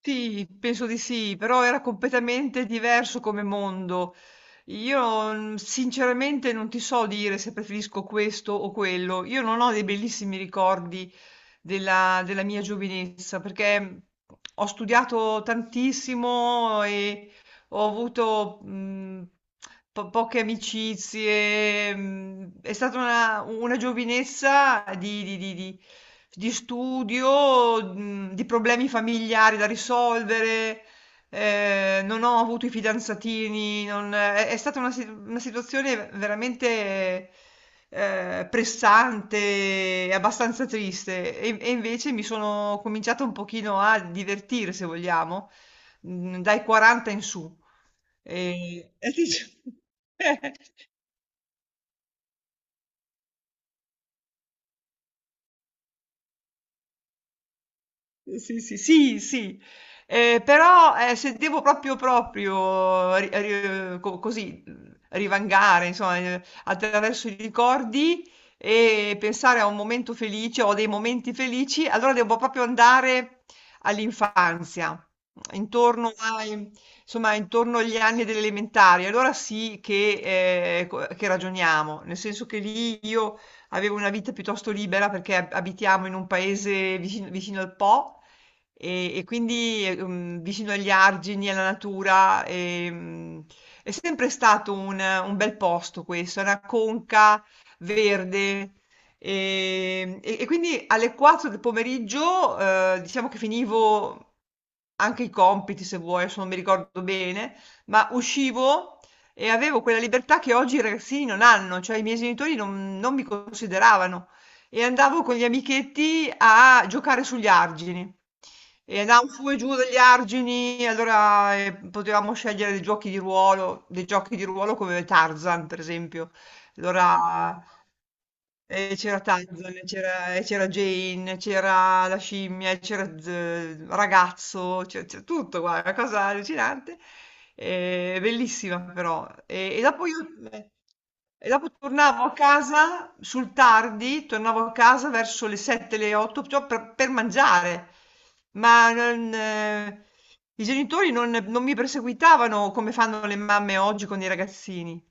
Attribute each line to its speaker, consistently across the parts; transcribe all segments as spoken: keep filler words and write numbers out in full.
Speaker 1: Sì, penso di sì, però era completamente diverso come mondo. Io mm, sinceramente non ti so dire se preferisco questo o quello. Io non ho dei bellissimi ricordi della, della mia giovinezza perché mm, ho studiato tantissimo e ho avuto mh, po- poche amicizie, mh, è stata una, una giovinezza di, di- di- di- di studio, mh, di problemi familiari da risolvere. Ehm, non ho avuto i fidanzatini, non è è stata una si una situazione veramente, ehm, pressante e abbastanza triste e e invece mi sono cominciata un pochino a divertire, se vogliamo, mhmm, dai quaranta in su. Ehm, e dicia Sì, sì, sì, sì. Eh, però eh, se devo proprio, proprio ri- ri- co- così mh, rivangare, insomma, eh, attraverso i ricordi e pensare a un momento felice o dei momenti felici, allora devo proprio andare all'infanzia, intorno ai- insomma, intorno agli anni delle elementari. Allora sì che eh, co- che ragioniamo, nel senso che lì io avevo una vita piuttosto libera perché ab- abitiamo in un paese vicino, vicino al Po e, e quindi eh, mm, vicino agli argini, alla natura. E, mm, è sempre stato un, un bel posto questo, una conca verde. E, e- e quindi alle quattro del pomeriggio, eh, diciamo che finivo anche i compiti, se vuoi, adesso non mi ricordo bene, ma uscivo e avevo quella libertà che oggi i ragazzini non hanno, cioè i miei genitori non, non mi consideravano. E andavo con gli amichetti a giocare sugli argini. E andavamo su e giù degli argini, allora eh, potevamo scegliere dei giochi di ruolo, dei giochi di ruolo come Tarzan, per esempio. Allora e c'era Tarzan, e c'era e c'era Jane, c'era la scimmia, e c'era Z- ragazzo, c'è c'è tutto, guarda, una cosa allucinante, e bellissima però. E, e dopo io e dopo tornavo a casa sul tardi, tornavo a casa verso le sette, le otto, cioè per, per mangiare, ma non, eh, i genitori non non mi perseguitavano come fanno le mamme oggi con i ragazzini.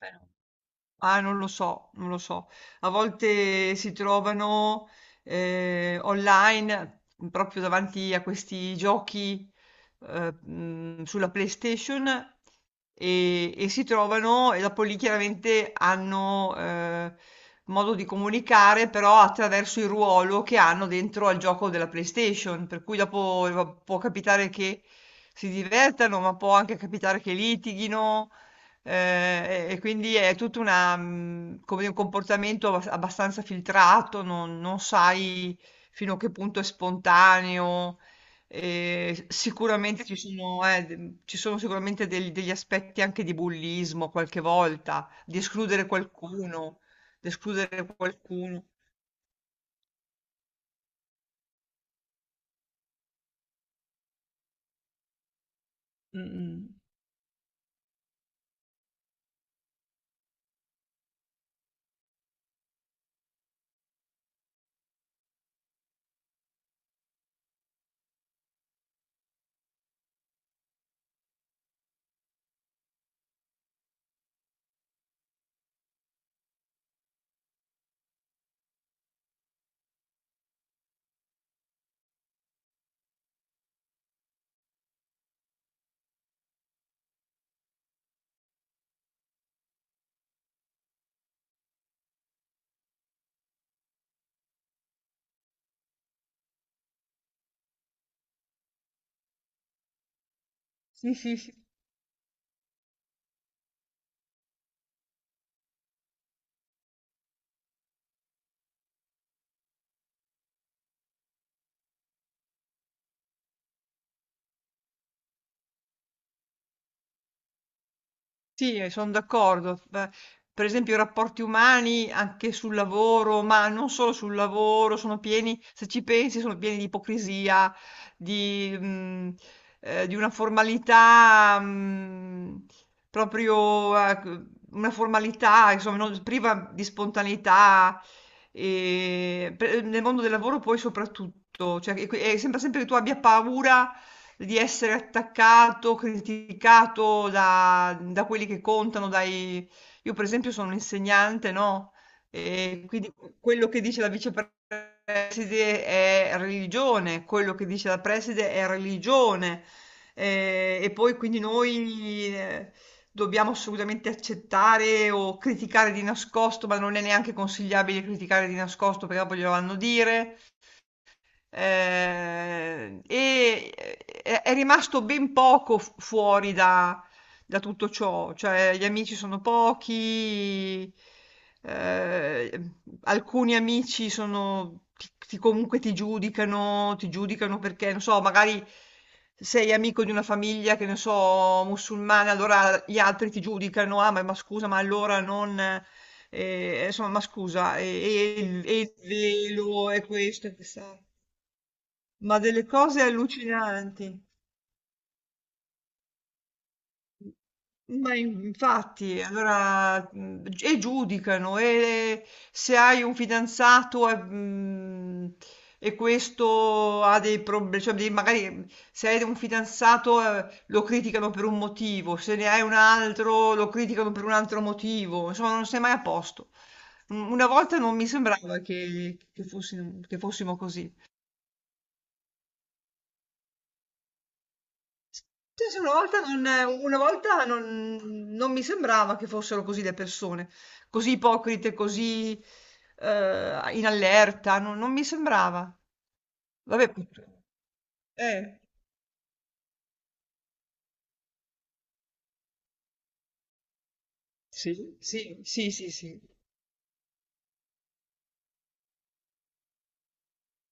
Speaker 1: Eh, Ah, non lo so, non lo so. A volte si trovano eh, online proprio davanti a questi giochi eh, mh, sulla PlayStation e, e si trovano e dopo lì chiaramente hanno eh, modo di comunicare però attraverso il ruolo che hanno dentro al gioco della PlayStation, per cui dopo va- può capitare che si divertano, ma può anche capitare che litighino. Ehm, e e quindi è tutta una mhmm, come dire, un comportamento abbas abbastanza filtrato, non non sai fino a che punto è spontaneo. Ehm, s Sicuramente ci sono eh, d ci sono sicuramente del degli aspetti anche di bullismo qualche volta, di escludere qualcuno, di escludere qualcuno. Mh-mh. Sì, sì, sì. Sì, sono d'accordo. Beh, per esempio i rapporti umani anche sul lavoro, ma non solo sul lavoro, sono pieni, se ci pensi, sono pieni di ipocrisia, di, mm, eh, di una formalità, mm, proprio, eh, una formalità, insomma, non- priva di spontaneità. E, per- nel mondo del lavoro poi soprattutto, cioè, e que- e sembra sempre che tu abbia paura di essere attaccato, criticato da, da quelli che contano, dai... Io per esempio sono un insegnante, no? E quindi quello che dice la vicepreside è religione, quello che dice la preside è religione. Eh, e poi quindi noi eh, dobbiamo assolutamente accettare o criticare di nascosto, ma non è neanche consigliabile criticare di nascosto perché poi glielo vanno a dire. Eh, e eh, è, è rimasto ben poco fu- fuori da, da tutto ciò, cioè gli amici sono pochi. eh, Alcuni amici sono, ti, ti- comunque ti giudicano, ti giudicano perché, non so, magari sei amico di una famiglia, che ne so, musulmana, allora gli altri ti giudicano, ah, ma, ma scusa, ma allora non... eh, insomma, ma scusa, e, e il e il velo, e questo, e quest'altro. Ma delle cose allucinanti. Ma in- infatti, allora, mhmm, g e giudicano e se hai un fidanzato e mhmm, e questo ha dei prob cioè dei magari se hai un fidanzato, ehm, lo criticano per un motivo, se ne hai un altro lo criticano per un altro motivo, insomma non sei mai a posto. U Una volta non mi sembrava che che fossi che fossimo così. Sì, sì, una volta non una volta non non mi sembrava che fossero così le persone, così ipocrite, così, ehm, in allerta, non non mi sembrava. Vabbè, put eh, sì, sì, sì, sì, sì,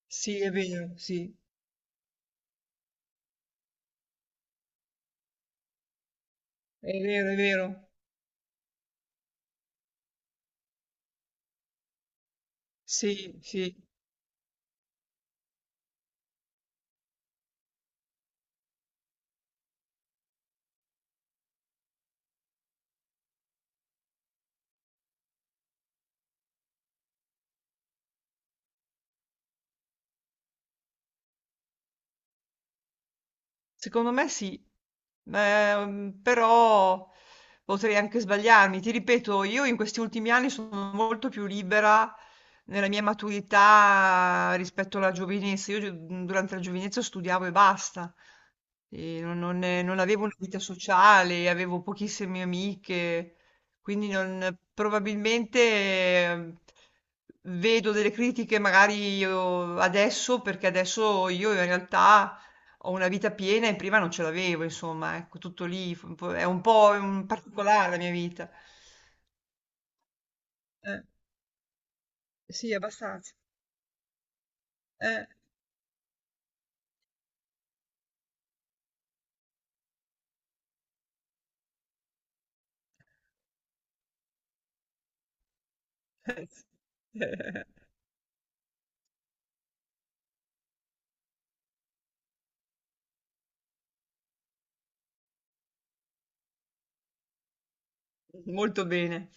Speaker 1: sì, è vero, sì, è vero, è vero, sì, sì. Secondo me sì. Ehm, però potrei anche sbagliarmi. Ti ripeto, io in questi ultimi anni sono molto più libera nella mia maturità rispetto alla giovinezza. Io gi- durante la giovinezza studiavo e basta. E non, non- eh, non avevo una vita sociale, avevo pochissime amiche, quindi non- probabilmente eh, vedo delle critiche magari io adesso, perché adesso io in realtà ho una vita piena e prima non ce l'avevo, insomma, ecco, tutto lì, f- un po'- è un po' un particolare la mia vita. Eh, sì, abbastanza. Eh. Molto bene.